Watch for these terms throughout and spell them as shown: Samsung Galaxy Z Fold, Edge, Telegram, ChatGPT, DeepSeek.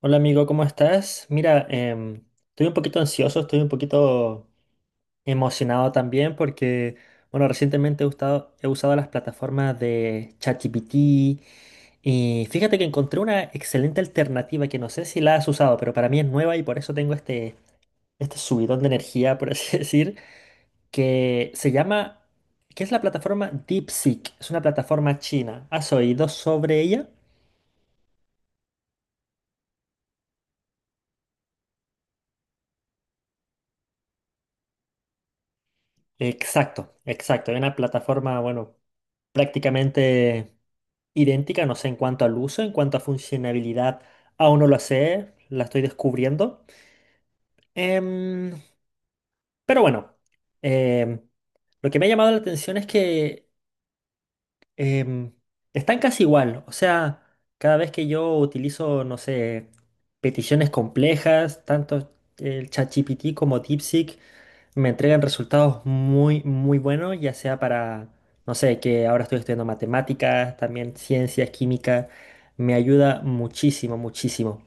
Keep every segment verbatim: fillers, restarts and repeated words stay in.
Hola amigo, ¿cómo estás? Mira, em, estoy un poquito ansioso, estoy un poquito emocionado también porque, bueno, recientemente he usado, he usado las plataformas de ChatGPT y fíjate que encontré una excelente alternativa que no sé si la has usado, pero para mí es nueva y por eso tengo este, este subidón de energía, por así decir, que se llama, que es la plataforma DeepSeek, es una plataforma china. ¿Has oído sobre ella? Exacto, exacto, es una plataforma, bueno, prácticamente idéntica, no sé en cuanto al uso, en cuanto a funcionalidad, aún no lo sé, la estoy descubriendo. Em, pero bueno, em, lo que me ha llamado la atención es que em, están casi igual. O sea, cada vez que yo utilizo, no sé, peticiones complejas, tanto el ChatGPT como DeepSeek me entregan resultados muy, muy buenos, ya sea para, no sé, que ahora estoy estudiando matemáticas, también ciencias, química. Me ayuda muchísimo, muchísimo.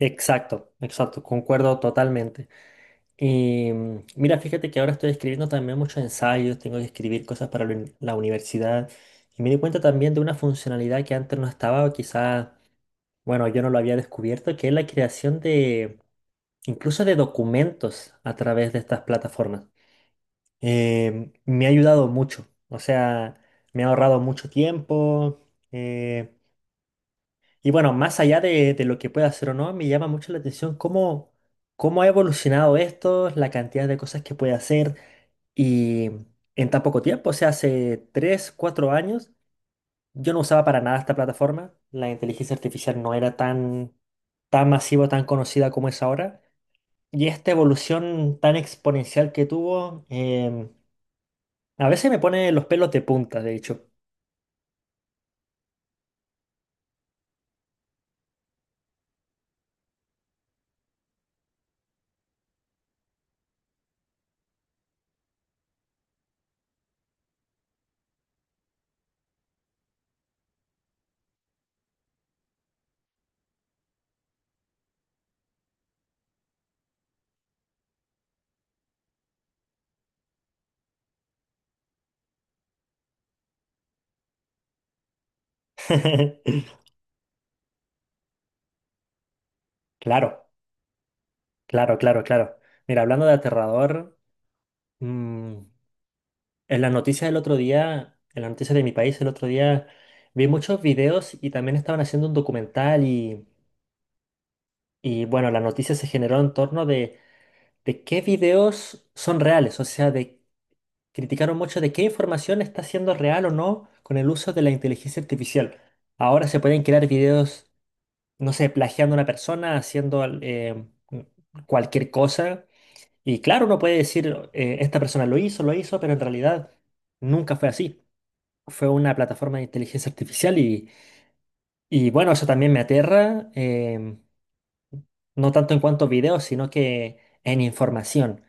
Exacto, exacto, concuerdo totalmente. Y mm, mira, fíjate que ahora estoy escribiendo también muchos ensayos, tengo que escribir cosas para la uni- la universidad y me di cuenta también de una funcionalidad que antes no estaba o quizás, bueno, yo no lo había descubierto, que es la creación de incluso de documentos a través de estas plataformas. Eh, me ha ayudado mucho, o sea, me ha ahorrado mucho tiempo, eh, y bueno, más allá de, de lo que pueda hacer o no, me llama mucho la atención cómo... ¿Cómo ha evolucionado esto? La cantidad de cosas que puede hacer, y en tan poco tiempo, o sea, hace tres, cuatro años, yo no usaba para nada esta plataforma. La inteligencia artificial no era tan, tan masiva, tan conocida como es ahora. Y esta evolución tan exponencial que tuvo, em, a veces me pone los pelos de punta, de hecho. Claro, claro, claro, claro. Mira, hablando de aterrador, mm, en las noticias del otro día, en las noticias de mi país el otro día, vi muchos videos y también estaban haciendo un documental y... Y bueno, la noticia se generó en torno de, de qué videos son reales, o sea, de, criticaron mucho de qué información está siendo real o no con el uso de la inteligencia artificial. Ahora se pueden crear videos, no sé, plagiando a una persona, haciendo al- eh, cualquier cosa. Y claro, uno puede decir, eh, esta persona lo hizo, lo hizo, pero en realidad nunca fue así. Fue una plataforma de inteligencia artificial y, y bueno, eso también me aterra. em, No tanto en cuanto a videos, sino que en información.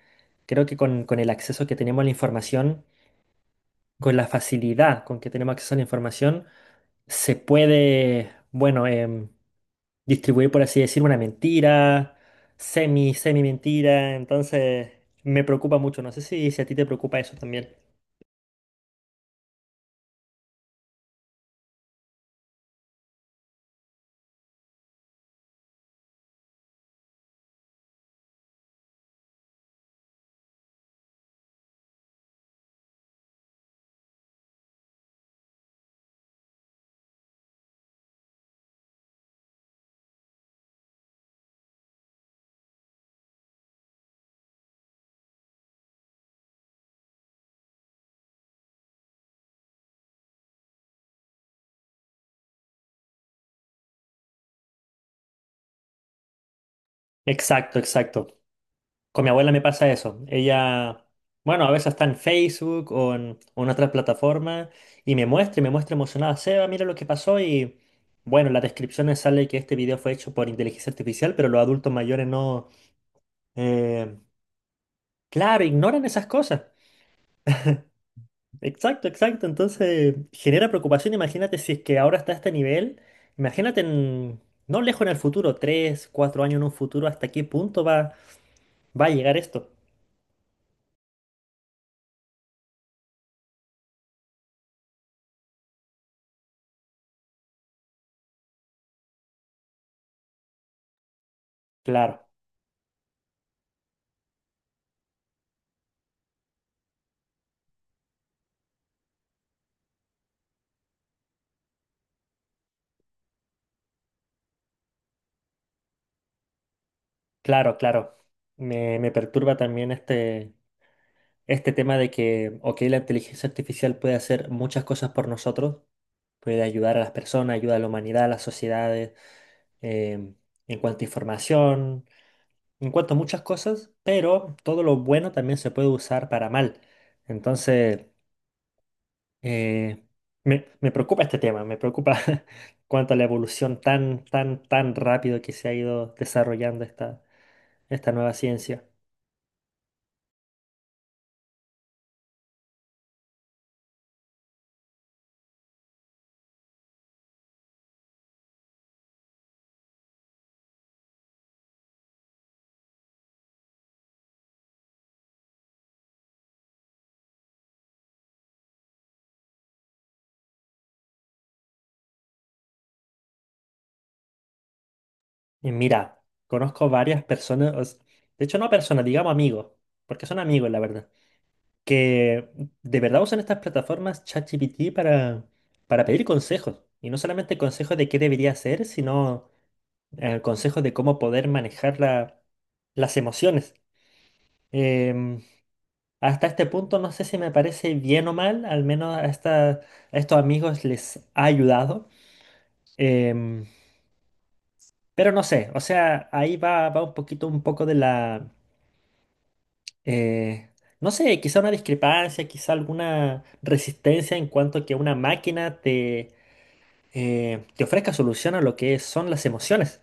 Creo que con, con el acceso que tenemos a la información, con la facilidad con que tenemos acceso a la información, se puede, bueno, em, distribuir, por así decir, una mentira, semi, semi mentira. Entonces, me preocupa mucho. No sé si, si a ti te preocupa eso también. Exacto, exacto. Con mi abuela me pasa eso. Ella, bueno, a veces está en Facebook o en, o en otras plataformas y me muestra y me muestra emocionada. Seba, mira lo que pasó y bueno, en las descripciones sale que este video fue hecho por inteligencia artificial, pero los adultos mayores no, eh, claro, ignoran esas cosas. Exacto, exacto. Entonces genera preocupación. Imagínate si es que ahora está a este nivel. Imagínate en- no lejos en el futuro, tres, cuatro años en un futuro, ¿hasta qué punto va, va a llegar esto? Claro. Claro, claro. Me, me perturba también este, este tema de que, ok, la inteligencia artificial puede hacer muchas cosas por nosotros, puede ayudar a las personas, ayuda a la humanidad, a las sociedades, em, en cuanto a información, en cuanto a muchas cosas, pero todo lo bueno también se puede usar para mal. Entonces, eh, me, me preocupa este tema, me preocupa cuanto a la evolución tan, tan, tan rápido que se ha ido desarrollando esta, esta nueva ciencia. Y mira, conozco varias personas, os- de hecho no personas, digamos amigos, porque son amigos la verdad, que de verdad usan estas plataformas ChatGPT para, para pedir consejos. Y no solamente consejos de qué debería hacer, sino eh, consejos de cómo poder manejar la- las emociones. Em, Hasta este punto no sé si me parece bien o mal, al menos a, esta- a estos amigos les ha ayudado. Em, pero no sé, o sea, ahí va, va un poquito, un poco de la... eh, no sé, quizá una discrepancia, quizá alguna resistencia en cuanto a que una máquina te, eh, te ofrezca solución a lo que son las emociones.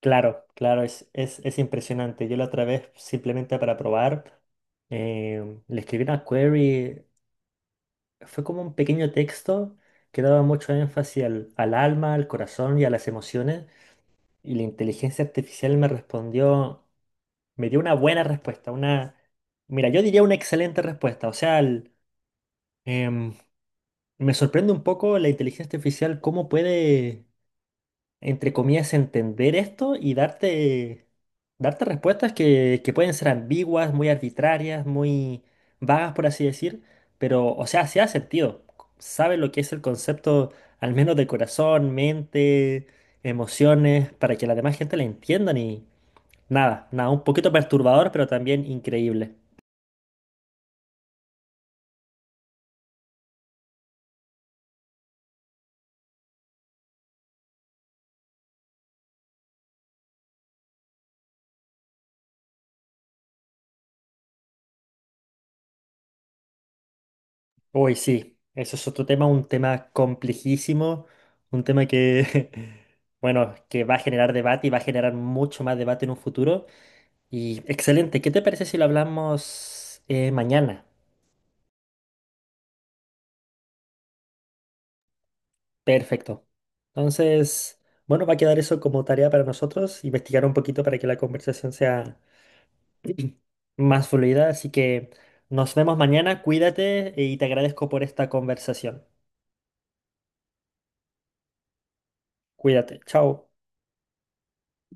Claro, claro, es, es, es impresionante. Yo la otra vez, simplemente para probar, eh, le escribí una query, fue como un pequeño texto que daba mucho énfasis al, al alma, al corazón y a las emociones, y la inteligencia artificial me respondió, me dio una buena respuesta, una... Mira, yo diría una excelente respuesta. O sea, Em, me sorprende un poco la inteligencia artificial, cómo puede, entre comillas, entender esto y darte, darte respuestas que, que pueden ser ambiguas, muy arbitrarias, muy vagas, por así decir, pero, o sea, sí ha sentido. Sabe lo que es el concepto, al menos de corazón, mente, emociones, para que la demás gente la entiendan y nada, nada, un poquito perturbador, pero también increíble. Uy, sí, eso es otro tema, un tema complejísimo, un tema que, bueno, que va a generar debate y va a generar mucho más debate en un futuro. Y excelente, ¿qué te parece si lo hablamos eh, mañana? Perfecto. Entonces, bueno, va a quedar eso como tarea para nosotros, investigar un poquito para que la conversación sea más fluida. Así que nos vemos mañana, cuídate y te agradezco por esta conversación. Cuídate, chao.